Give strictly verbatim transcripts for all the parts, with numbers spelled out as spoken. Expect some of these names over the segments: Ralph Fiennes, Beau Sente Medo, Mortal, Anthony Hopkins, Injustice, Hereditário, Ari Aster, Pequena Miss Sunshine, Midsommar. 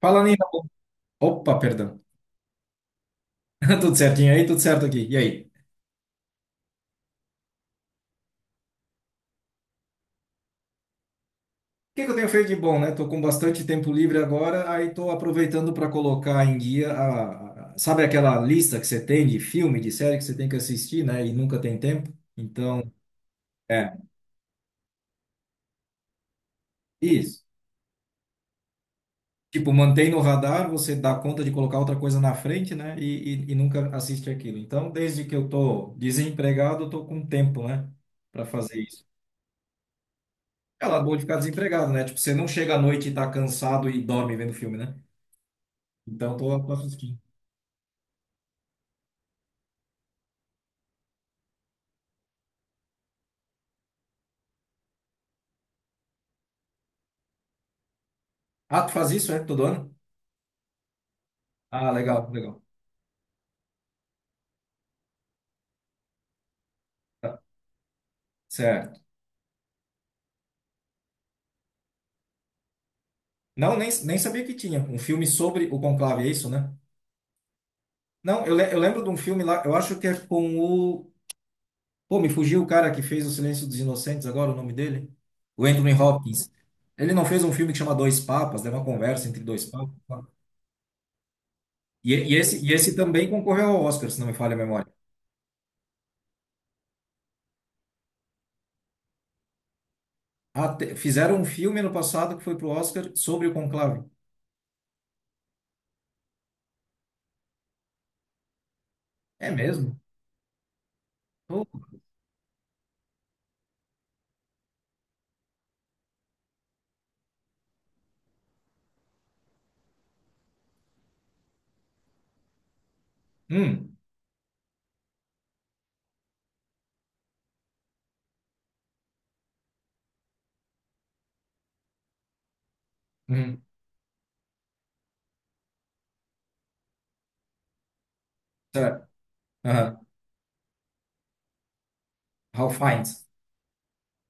Fala, em... Opa, perdão. Tudo certinho aí? Tudo certo aqui. E aí? O que que eu tenho feito de bom, né? Tô com bastante tempo livre agora, aí tô aproveitando para colocar em guia a... a- Sabe aquela lista que você tem de filme, de série que você tem que assistir, né? E nunca tem tempo? Então, é, isso. Tipo, mantém no radar, você dá conta de colocar outra coisa na frente, né? E, e, e nunca assiste aquilo. Então, desde que eu tô desempregado, eu tô com tempo, né? Para fazer isso. Ela boa de ficar desempregado, né? Tipo, você não chega à noite e tá cansado e dorme vendo filme, né? Então, tô, tô assistindo. Ah, tu faz isso, é? Todo ano? Ah, legal, legal. Tá, certo. Não, nem, nem sabia que tinha. Um filme sobre o conclave, é isso, né? Não, eu, le- eu lembro de um filme lá, eu acho que é com o. Pô, me fugiu o cara que fez O Silêncio dos Inocentes agora, o nome dele? O Anthony Hopkins. Ele não fez um filme que chama Dois Papas, né? Uma conversa entre dois papas. E, e esse, e esse também concorreu ao Oscar, se não me falha a memória. Até- fizeram um filme ano passado que foi pro Oscar sobre o Conclave. É mesmo? Oh, hum, hum, será? Aham. Ralph Fiennes.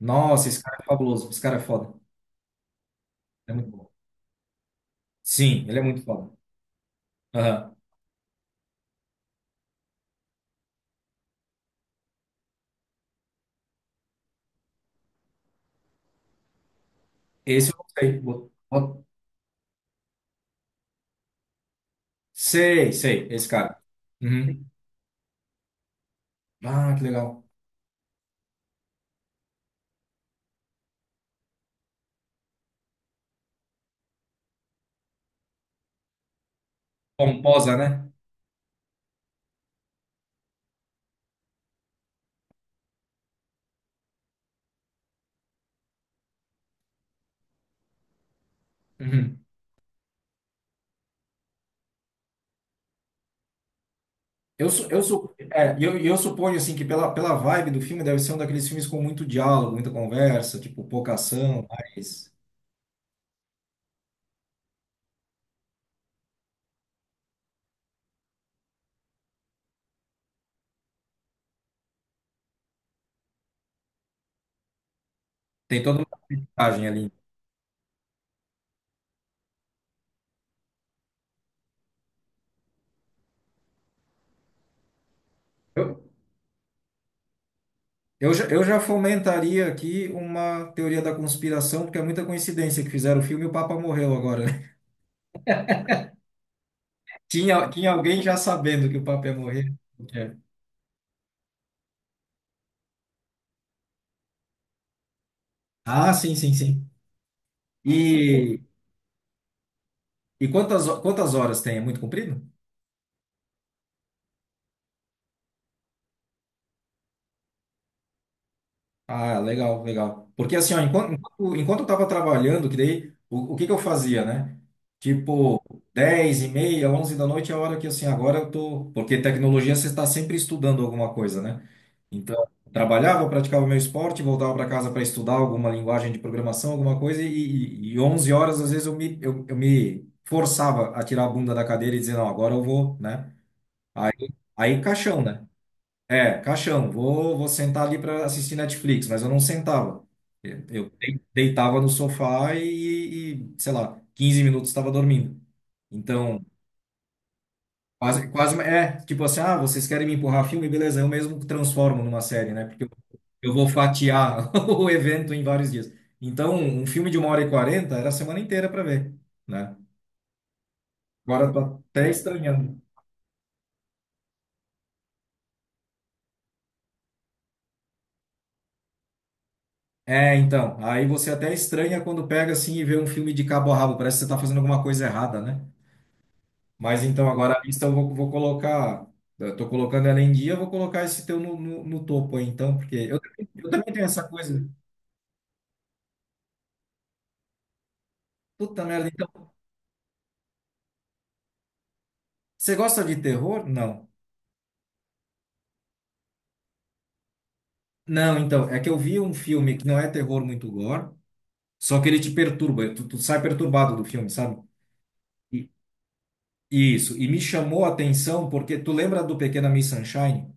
Nossa, esse cara é fabuloso. Esse cara é foda. É muito bom. Sim, ele é muito foda. Aham. Esse eu gostei. Bo- bo- Sei, sei, esse cara. Uhum. Ah, que legal. Pomposa, né? Uhum. Eu, su- eu, su- é, e eu, e eu suponho assim que pela, pela vibe do filme deve ser um daqueles filmes com muito diálogo, muita conversa, tipo pouca ação, mas tem toda uma mensagem ali. Eu já, eu já fomentaria aqui uma teoria da conspiração, porque é muita coincidência que fizeram o filme e o Papa morreu agora, né? Tinha, tinha alguém já sabendo que o Papa ia morrer. É. Ah, sim, sim, sim. E, e quantas, ho- quantas horas tem? É muito comprido? Ah, legal, legal. Porque assim, ó, enquanto, enquanto, enquanto eu tava trabalhando, que daí, o, o que que eu fazia, né? Tipo, dez e meia, onze da noite é a hora que, assim, agora eu tô. Porque tecnologia você está sempre estudando alguma coisa, né? Então, trabalhava, praticava meu esporte, voltava para casa para estudar alguma linguagem de programação, alguma coisa, e, e, e onze horas, às vezes, eu me, eu, eu me forçava a tirar a bunda da cadeira e dizer, não, agora eu vou, né? Aí, aí caixão, né? É, caixão, vou, vou sentar ali para assistir Netflix, mas eu não sentava. Eu eu dei- deitava no sofá e, e, sei lá, quinze minutos estava dormindo. Então, quase, quase, é, tipo assim, ah, vocês querem me empurrar filme? Beleza, eu mesmo transformo numa série, né? Porque eu, eu vou fatiar o evento em vários dias. Então, um filme de uma hora e quarenta era a semana inteira para ver, né? Agora eu tô até estranhando. É, então, aí você até estranha quando pega assim e vê um filme de cabo a rabo, parece que você tá fazendo alguma coisa errada, né? Mas então agora a lista eu vou, vou colocar. Estou colocando ela em dia, eu vou colocar esse teu no, no, no topo aí, então, porque eu, também- eu também tenho essa coisa. Puta merda, então. Você gosta de terror? Não. Não, então, é que eu vi um filme que não é terror muito gore, só que ele te perturba, tu, tu sai perturbado do filme, sabe? E, isso, e me chamou a atenção porque tu lembra do Pequena Miss Sunshine?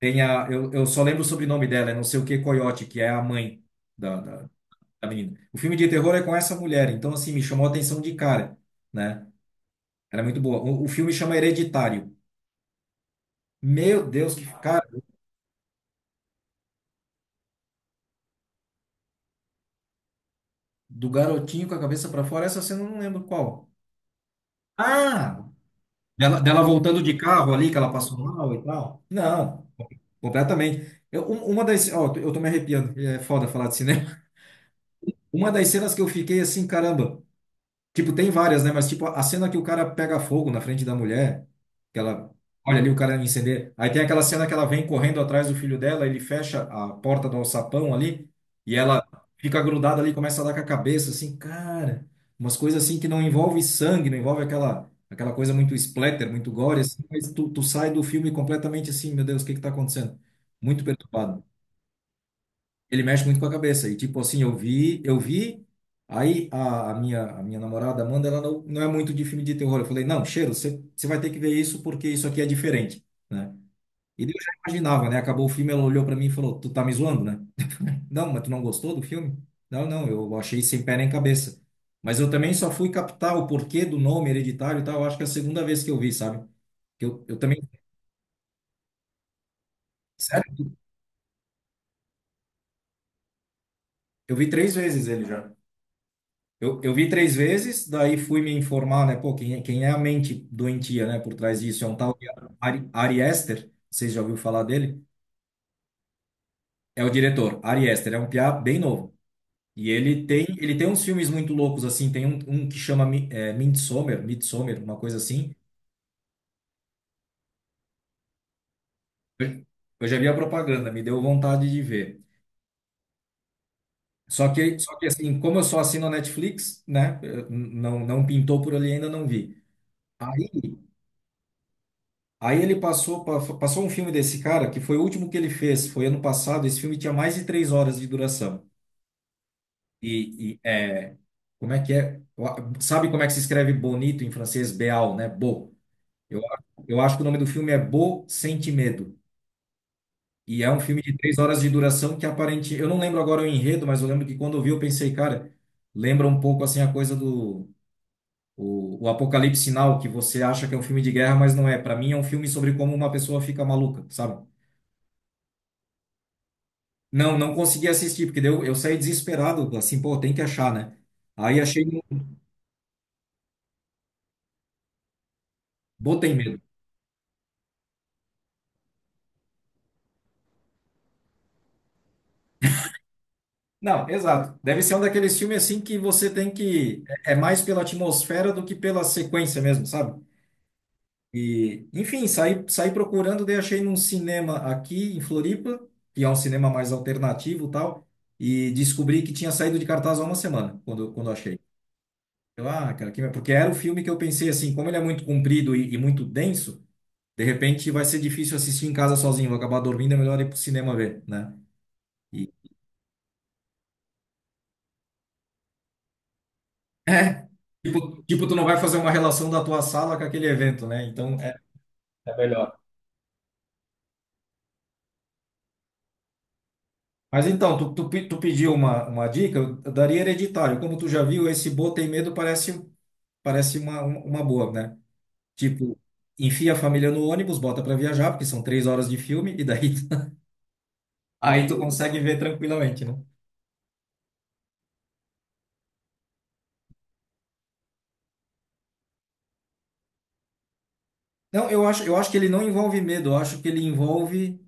Tem a, eu, eu só lembro o sobrenome dela, é não sei o que Coyote, que é a mãe da da, a menina. O filme de terror é com essa mulher, então assim, me chamou a atenção de cara, né? Era muito boa. O, o filme chama Hereditário. Meu Deus, que cara, do garotinho com a cabeça pra fora, essa cena eu não lembro qual. Ah, dela, dela voltando de carro ali, que ela passou mal e tal. Não, completamente. Eu, um- uma das, ó, eu tô me arrepiando, é foda falar de cinema. Uma das cenas que eu fiquei assim, caramba, tipo, tem várias, né? Mas, tipo, a cena que o cara pega fogo na frente da mulher, que ela olha ali o cara incender. Aí tem aquela cena que ela vem correndo atrás do filho dela, ele fecha a porta do alçapão ali, e ela fica grudada ali, começa a dar com a cabeça, assim, cara. Umas coisas assim que não envolve sangue, não envolve aquela, aquela coisa muito splatter, muito gore, assim, mas tu, tu sai do filme completamente assim, meu Deus, o que que tá acontecendo? Muito perturbado. Ele mexe muito com a cabeça. E tipo assim, eu vi, eu vi. Aí a, a minha, a minha namorada Amanda, ela não, não é muito de filme de terror. Eu falei, não, Cheiro, você você vai ter que ver isso porque isso aqui é diferente, né? E daí eu já imaginava, né? Acabou o filme, ela olhou pra mim e falou, tu tá me zoando, né? Não, mas tu não gostou do filme? Não, não, eu achei sem pé nem cabeça. Mas eu também só fui captar o porquê do nome hereditário e tal. Eu acho que é a segunda vez que eu vi, sabe? Que Eu, eu também, sério, eu vi três vezes ele já. Eu, eu vi três vezes, daí fui me informar, né? Pô, quem, é- quem é a mente doentia, né? Por trás disso é um tal de Ari, Ari Aster, vocês já ouviram falar dele? É o diretor, Ari Aster, é um piá bem novo. E ele tem, ele tem uns filmes muito loucos, assim, tem um, um que chama Mi- é, Midsommar, Midsommar, uma coisa assim. Eu, eu já vi a propaganda, me deu vontade de ver. Só que, só que assim, como eu só assino a Netflix, né? eu- Não, não pintou por ali, ainda não vi. Aí Aí ele passou, pa- passou um filme desse cara, que foi o último que ele fez, foi ano passado. Esse filme tinha mais de três horas de duração. E, e, é, como é que é? Sabe como é que se escreve bonito em francês? Beal, né? Beau. Eu, eu acho que o nome do filme é Beau Sente Medo. E é um filme de três horas de duração que aparente. Eu não lembro agora o enredo, mas eu lembro que quando eu vi, eu pensei, cara, lembra um pouco assim a coisa do. O, o Apocalipse Sinal, que você acha que é um filme de guerra, mas não é. Para mim, é um filme sobre como uma pessoa fica maluca, sabe? Não, não consegui assistir, porque daí eu, eu saí desesperado, assim, pô, tem que achar, né? Aí achei, no- botei medo. Não, exato. Deve ser um daqueles filmes assim que você tem que. É é mais pela atmosfera do que pela sequência mesmo, sabe? E, enfim, saí, saí procurando, daí achei num cinema aqui em Floripa, que é um cinema mais alternativo e tal, e descobri que tinha saído de cartaz há uma semana, quando, quando achei. Eu, ah, cara, que, porque era o filme que eu pensei assim, como ele é muito comprido e e muito denso. De repente vai ser difícil assistir em casa sozinho, vou acabar dormindo, é melhor ir pro cinema ver, né? E, é, tipo, tipo, tu não vai fazer uma relação da tua sala com aquele evento, né? Então é, é melhor. Mas então, tu, tu, pe- tu pediu uma, uma dica, eu daria hereditário. Como tu já viu, esse bo tem Medo parece, parece uma, uma uma boa, né? Tipo, enfia a família no ônibus, bota pra viajar, porque são três horas de filme, e daí aí tu consegue ver tranquilamente, né? Não, eu acho, eu acho, que ele não envolve medo, eu acho que ele envolve.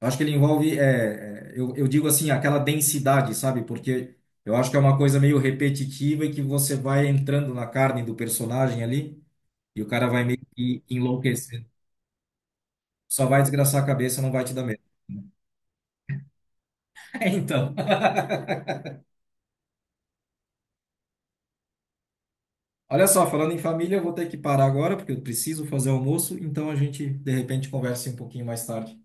Acho que ele envolve, é, é, eu, eu digo assim, aquela densidade, sabe? Porque eu acho que é uma coisa meio repetitiva e que você vai entrando na carne do personagem ali e o cara vai meio que enlouquecendo. Só vai desgraçar a cabeça, não vai te dar medo. É, então. Olha só, falando em família, eu vou ter que parar agora porque eu preciso fazer almoço, então a gente de repente conversa um pouquinho mais tarde.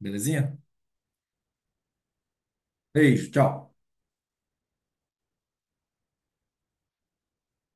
Belezinha? Beijo, tchau.